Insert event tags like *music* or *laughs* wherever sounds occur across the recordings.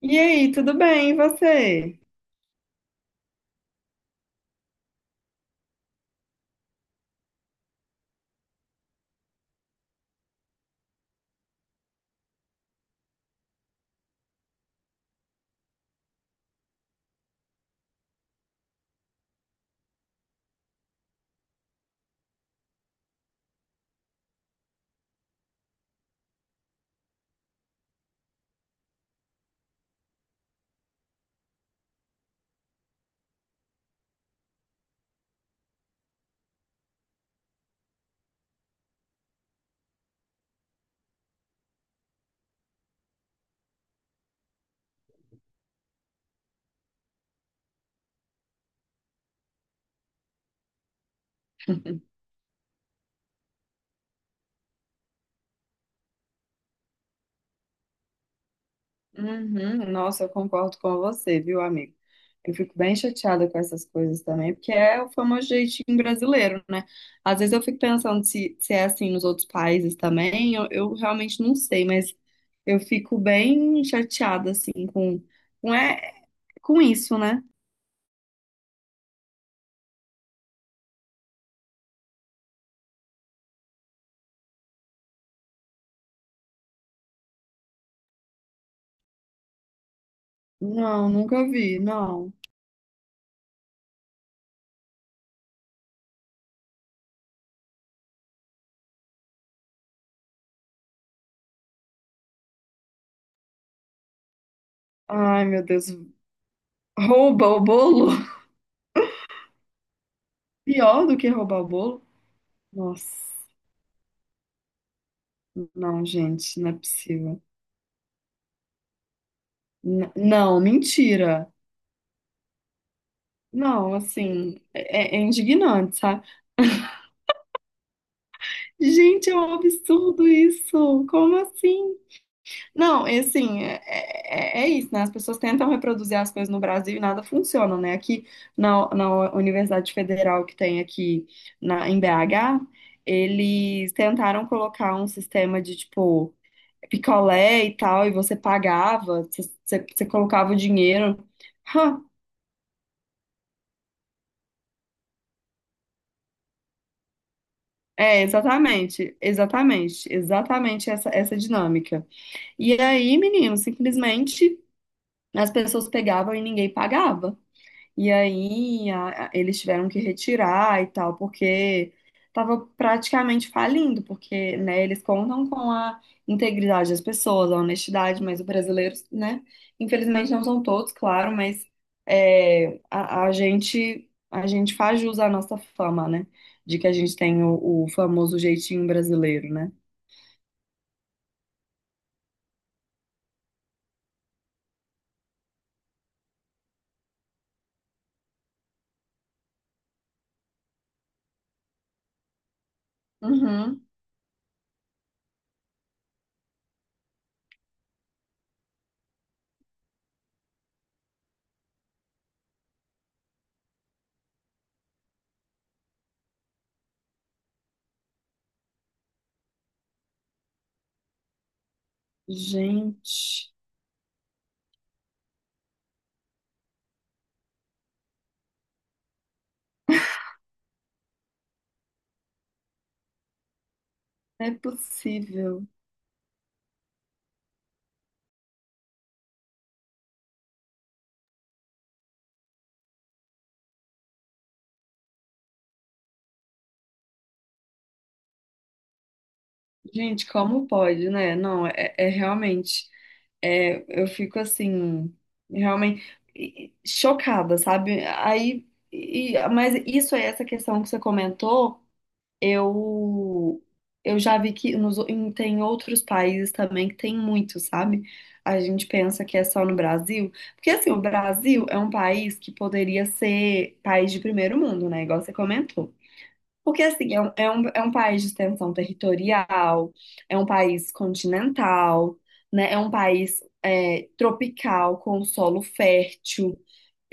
E aí, tudo bem? E você? Uhum, nossa, eu concordo com você, viu, amigo? Eu fico bem chateada com essas coisas também, porque é o famoso jeitinho brasileiro, né? Às vezes eu fico pensando se é assim nos outros países também, eu realmente não sei, mas eu fico bem chateada, assim, com, é, com isso, né? Não, nunca vi, não. Ai, meu Deus, rouba o bolo? *laughs* Pior do que roubar o bolo? Nossa, não, gente, não é possível. Não, mentira. Não, assim, é indignante, sabe? Gente, é um absurdo isso. Como assim? Não, e assim, é isso, né? As pessoas tentam reproduzir as coisas no Brasil e nada funciona, né? Aqui na Universidade Federal que tem aqui em BH, eles tentaram colocar um sistema de, tipo, picolé e tal, e você pagava, você colocava o dinheiro. *laughs* É, exatamente, exatamente, exatamente essa dinâmica. E aí, menino, simplesmente as pessoas pegavam e ninguém pagava. E aí eles tiveram que retirar e tal, porque estava praticamente falindo, porque, né, eles contam com a integridade das pessoas, a honestidade, mas os brasileiros, né, infelizmente não são todos, claro, mas é, a, a gente faz jus à nossa fama, né, de que a gente tem o famoso jeitinho brasileiro, né? Uhum. Gente, não é possível. Gente, como pode, né? Não, é é realmente. É, eu fico assim, realmente chocada, sabe? Aí, mas isso é essa questão que você comentou. Eu, eu já vi que tem outros países também que tem muito, sabe? A gente pensa que é só no Brasil, porque assim, o Brasil é um país que poderia ser país de primeiro mundo, né? Igual você comentou. Porque, assim, é um país de extensão territorial, é um país continental, né? É um país é, tropical, com solo fértil.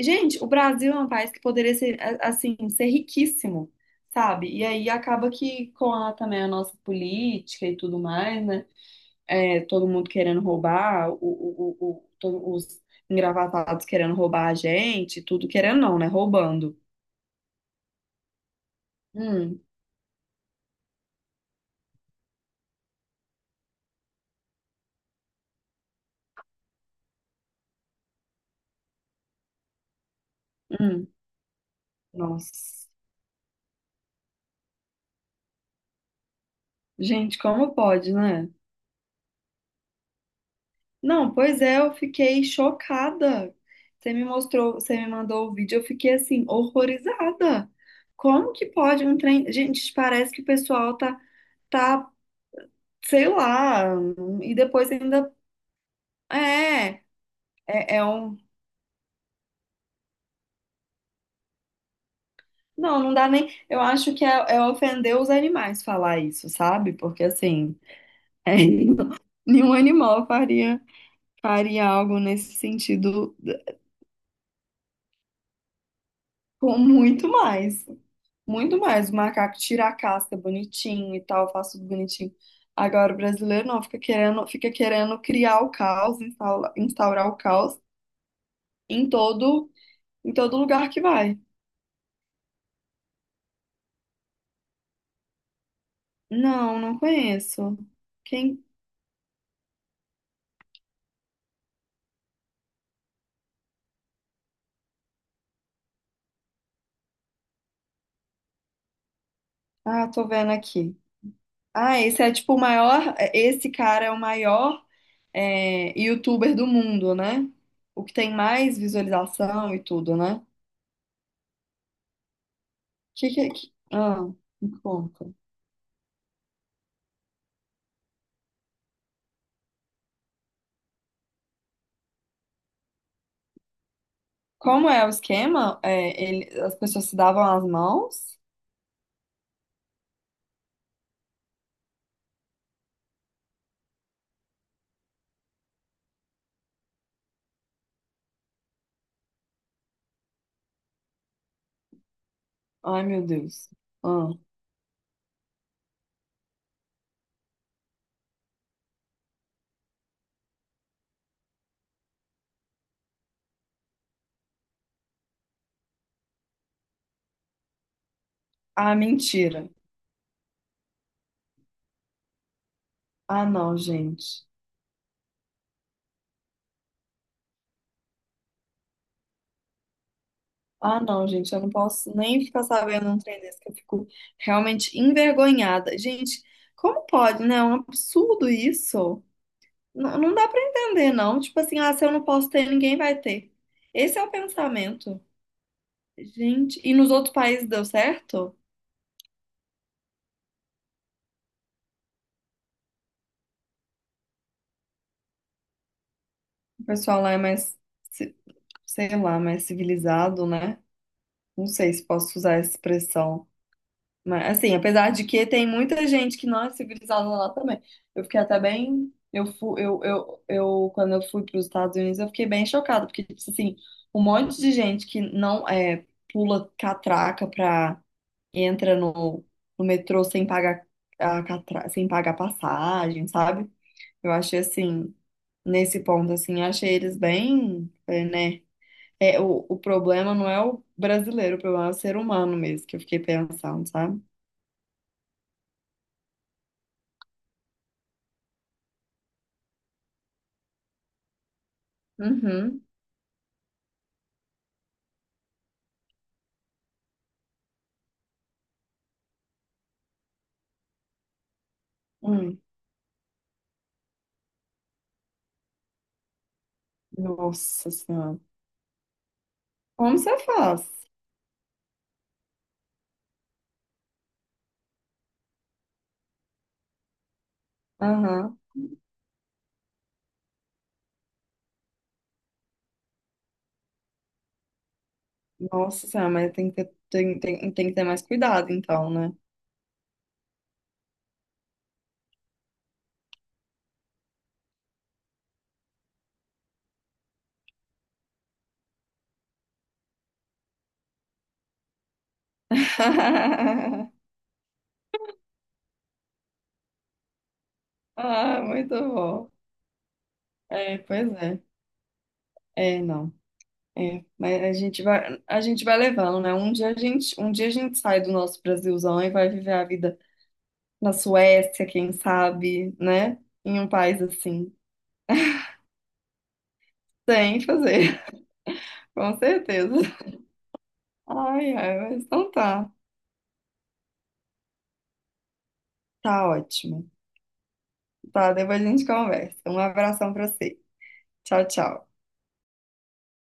Gente, o Brasil é um país que poderia ser, assim, ser riquíssimo, sabe? E aí acaba que com a, também a nossa política e tudo mais, né? É, todo mundo querendo roubar, os engravatados querendo roubar a gente, tudo querendo não, né? Roubando. Hum, hum, nossa. Gente, como pode, né? Não, pois é, eu fiquei chocada. Você me mostrou, você me mandou o vídeo, eu fiquei assim, horrorizada. Como que pode um trem. Gente, parece que o pessoal tá, sei lá, e depois ainda. É, é um. Não, não dá nem. Eu acho que é ofender os animais falar isso, sabe? Porque assim, é, *laughs* nenhum animal faria, faria algo nesse sentido com muito mais. Muito mais. O macaco tira a casca bonitinho e tal, faz tudo bonitinho. Agora o brasileiro não, fica querendo criar o caos, instaurar o caos em todo, em todo lugar que vai. Não, não conheço. Quem? Ah, tô vendo aqui. Ah, esse é tipo o maior. Esse cara é o maior é, youtuber do mundo, né? O que tem mais visualização e tudo, né? Ah, me conta. Como é o esquema? É, as pessoas se davam as mãos? Ai, meu Deus. Ah, Ah, mentira. Ah, não, gente. Ah, não, gente, eu não posso nem ficar sabendo um trem desse, que eu fico realmente envergonhada. Gente, como pode, né? É um absurdo isso. Não, não dá pra entender, não. Tipo assim, ah, se eu não posso ter, ninguém vai ter. Esse é o pensamento. Gente, e nos outros países deu certo? O pessoal lá é mais, ci- sei lá, mais civilizado, né? Não sei se posso usar essa expressão. Mas, assim, apesar de que tem muita gente que não é civilizada lá também. Eu fiquei até bem. Eu, fu, eu, quando eu fui para os Estados Unidos, eu fiquei bem chocada, porque, tipo assim, um monte de gente que não é, pula catraca pra, entra no, no metrô sem pagar sem pagar passagem, sabe? Eu achei, assim, nesse ponto, assim, eu achei eles bem, é, né? É, o problema não é o brasileiro, o problema é o ser humano mesmo, que eu fiquei pensando, sabe? Uhum. Hum, nossa senhora. Como você faz? Aham. Nossa senhora, mas tem que ter, tem que ter mais cuidado, então, né? *laughs* Ah, muito bom. É, pois é. É, não. É, mas a gente vai levando, né? Um dia a gente sai do nosso Brasilzão e vai viver a vida na Suécia, quem sabe, né? Em um país assim. Sem fazer, *laughs* com certeza. Ai, ai, mas então tá. Tá ótimo. Tá, depois a gente conversa. Um abração pra você. Tchau, tchau.